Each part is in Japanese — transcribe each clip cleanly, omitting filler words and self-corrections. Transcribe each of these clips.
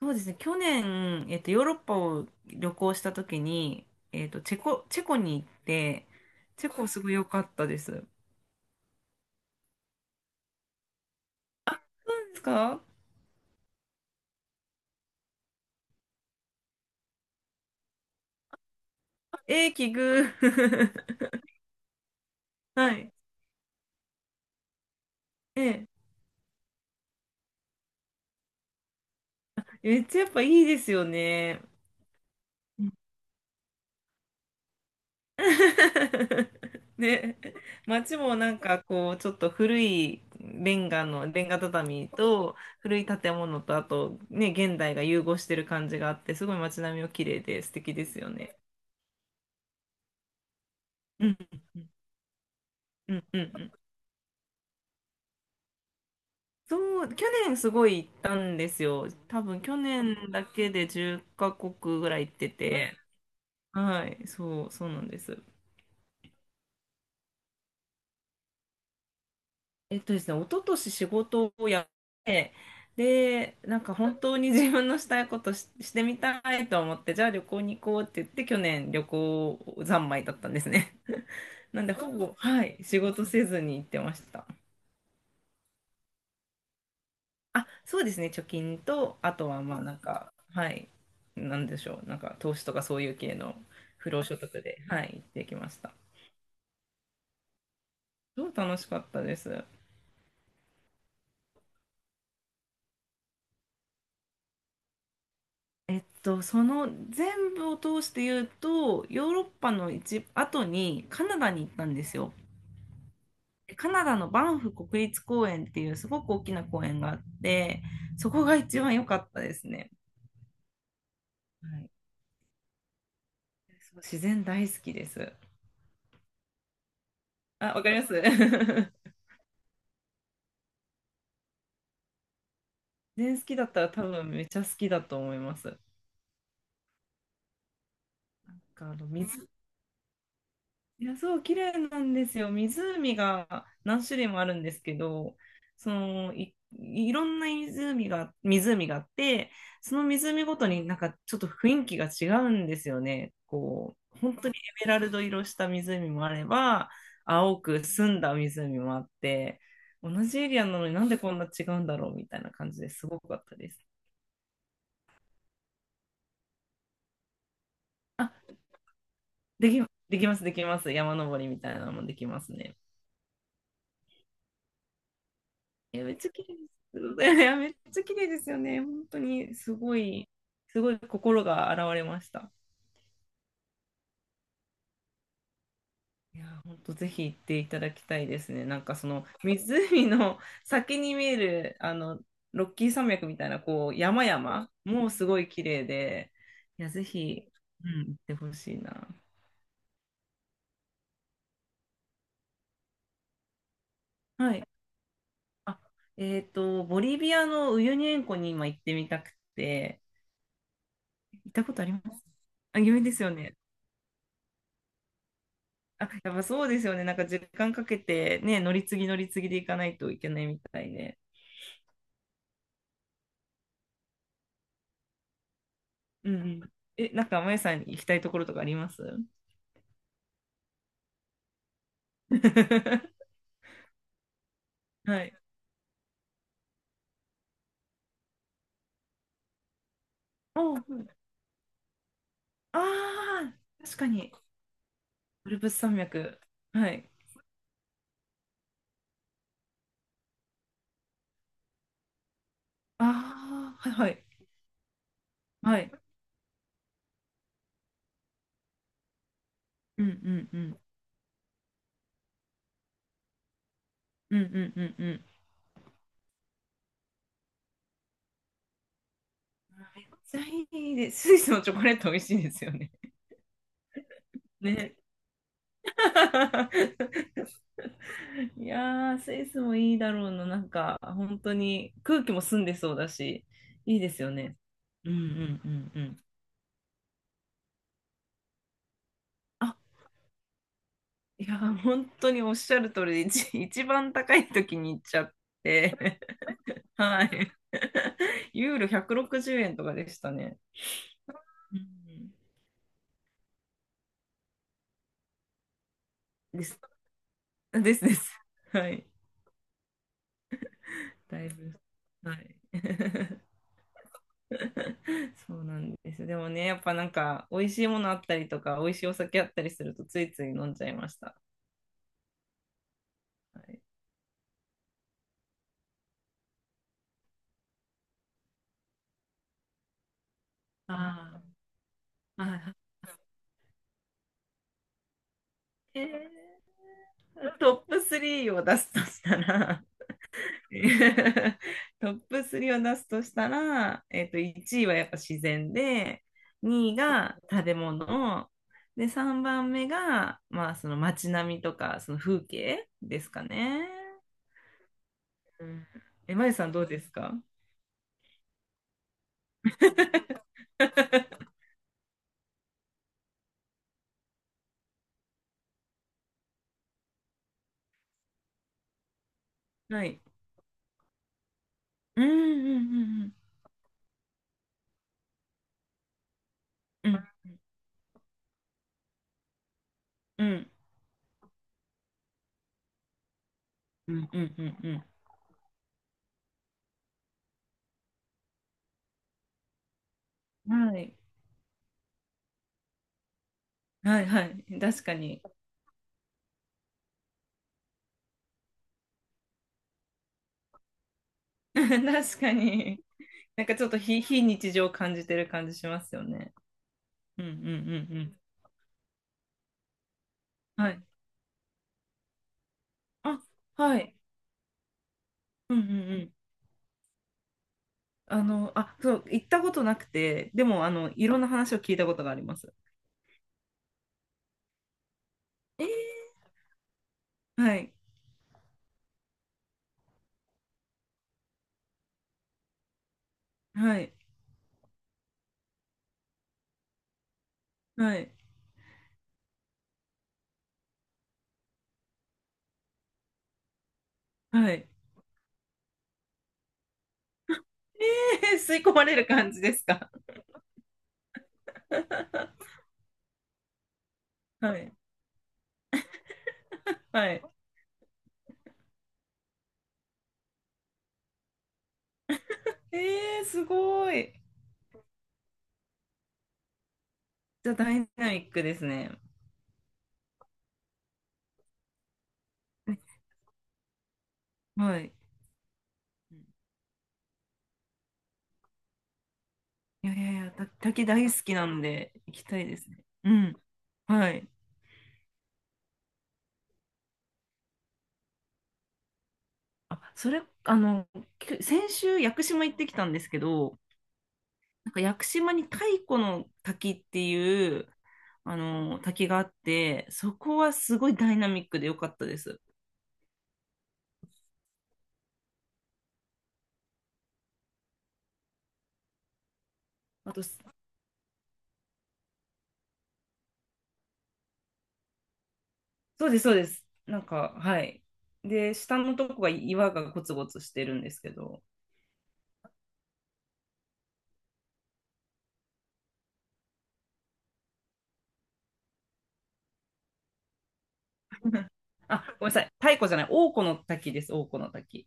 そうですね。去年、ヨーロッパを旅行した時に、チェコに行って、チェコすごい良かったです。そうですか？ええ、奇遇。はい。ええ。めっちゃやっぱいいですよね。うん ね、街もなんかこう、ちょっと古いレンガ畳と古い建物と、あとね、現代が融合してる感じがあって、すごい街並みも綺麗で素敵ですよね。うんうんうん。そう、去年すごい行ったんですよ。多分去年だけで10カ国ぐらい行ってて。はい、そう、そうなんです。ですね、一昨年仕事をやって、で、なんか本当に自分のしたいことしてみたいと思って、じゃあ旅行に行こうって言って、去年旅行三昧だったんですね。なんで、ほぼ、はい、仕事せずに行ってました。あ、そうですね。貯金と、あとはまあなんか、はい、なんでしょう。なんか投資とかそういう系の不労所得で、はい、行ってきました。超楽しかったです。その全部を通して言うと、ヨーロッパの一後にカナダに行ったんですよ。でカナダのバンフ国立公園っていうすごく大きな公園があって、そこが一番良かったですね。はい、そう自然大好きです。あ、わかります 全好きだったら多分めっちゃ好きだと思います。あの水、いや、そう、綺麗なんですよ。湖が何種類もあるんですけど、そのい、いろんな湖が、あって、その湖ごとになんかちょっと雰囲気が違うんですよね。こう、本当にエメラルド色した湖もあれば、青く澄んだ湖もあって、同じエリアなのになんでこんな違うんだろうみたいな感じですごかったです。でき、できます。山登りみたいなのもできますね。いや、めっちゃ綺麗です。いや、めっちゃ綺麗ですよね。本当に、すごい心が洗われました。いや、本当ぜひ行っていただきたいですね。なんかその湖の先に見える、ロッキー山脈みたいな、こう、山々もすごい綺麗で、いや、ぜひ、うん、行ってほしいな。はい。あ、ボリビアのウユニ塩湖に今行ってみたくて、行ったことあります？あ、有名ですよね。あ、やっぱそうですよね。なんか時間かけてね、乗り継ぎ乗り継ぎで行かないといけないみたいで。うんうん。え、なんか、まゆさん行きたいところとかあります？ はい。おう、ああー、確かに。アルプス山脈。はい。ああ、はいはい。はい。うんうんうん。うんうんうんうん。めっちゃいいです。スイスのチョコレート美味しいですよね。ね。いやー、スイスもいいだろうな。なんか、本当に空気も澄んでそうだし、いいですよね。うんうんうんうん。あ、いやー、本当におっしゃる通りで、一番高い時に行っちゃって、はい。ユーロ160円とかでしたね。うんです。ですです。はい。だいぶ。はい。そうなんです。でもね、やっぱなんか、美味しいものあったりとか、美味しいお酒あったりすると、ついつい飲んじゃいました。はい。ああ、あーえトップ3を出すとしたら トップ3を出すとしたら、1位はやっぱ自然で、2位が食べ物、で、3番目が、まあ、その街並みとか、その風景ですかね。うん。え、まゆさんどうですか？はい。うんうんうんうんうんうんうんうんうんうん。はいはいはい。確かに 確かに。なんかちょっと非日常を感じてる感じしますよね。うんうんうんうん。はい。あ、はい。うんうんうん。あ、そう、行ったことなくて、でも、いろんな話を聞いたことがあります。えーはい。はい。はい。はい。えー、吸い込まれる感じですか？ はい。はい。えー、すごい。じゃあ、ダイナミックですね。はい。いやいやいや、た、滝大好きなんで、行きたいですね。うん。はい。あ、それ、先週、屋久島行ってきたんですけど、なんか屋久島に太古の滝っていう、滝があって、そこはすごいダイナミックで良かったです。あと、そうです、そうです。なんか、はい。で、下のとこが岩がゴツゴツしてるんですけど、あ、ごめんなさい。太古じゃない、大古の滝です、大古の滝。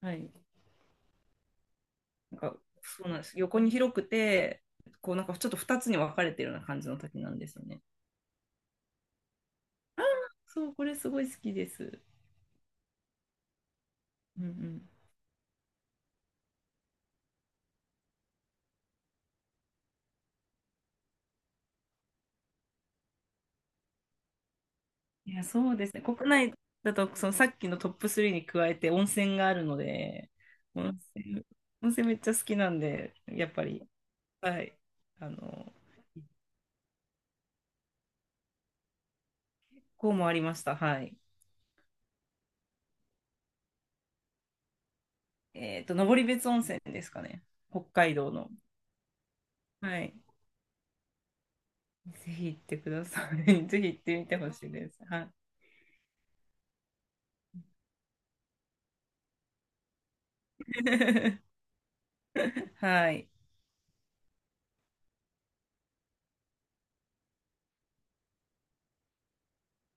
はい。なんか、そうなんです。横に広くて、こう、なんかちょっと2つに分かれてるような感じの滝なんですよね。そう、これすごい好きです。うんうん。いや、そうですね。国内だと、そのさっきのトップ3に加えて温泉があるので、温泉、温泉めっちゃ好きなんで、やっぱり、はい。あの、こうもありました。はい。登別温泉ですかね。北海道の。はい。ぜひ行ってください。ぜひ行ってみてほしいです。はい。はい。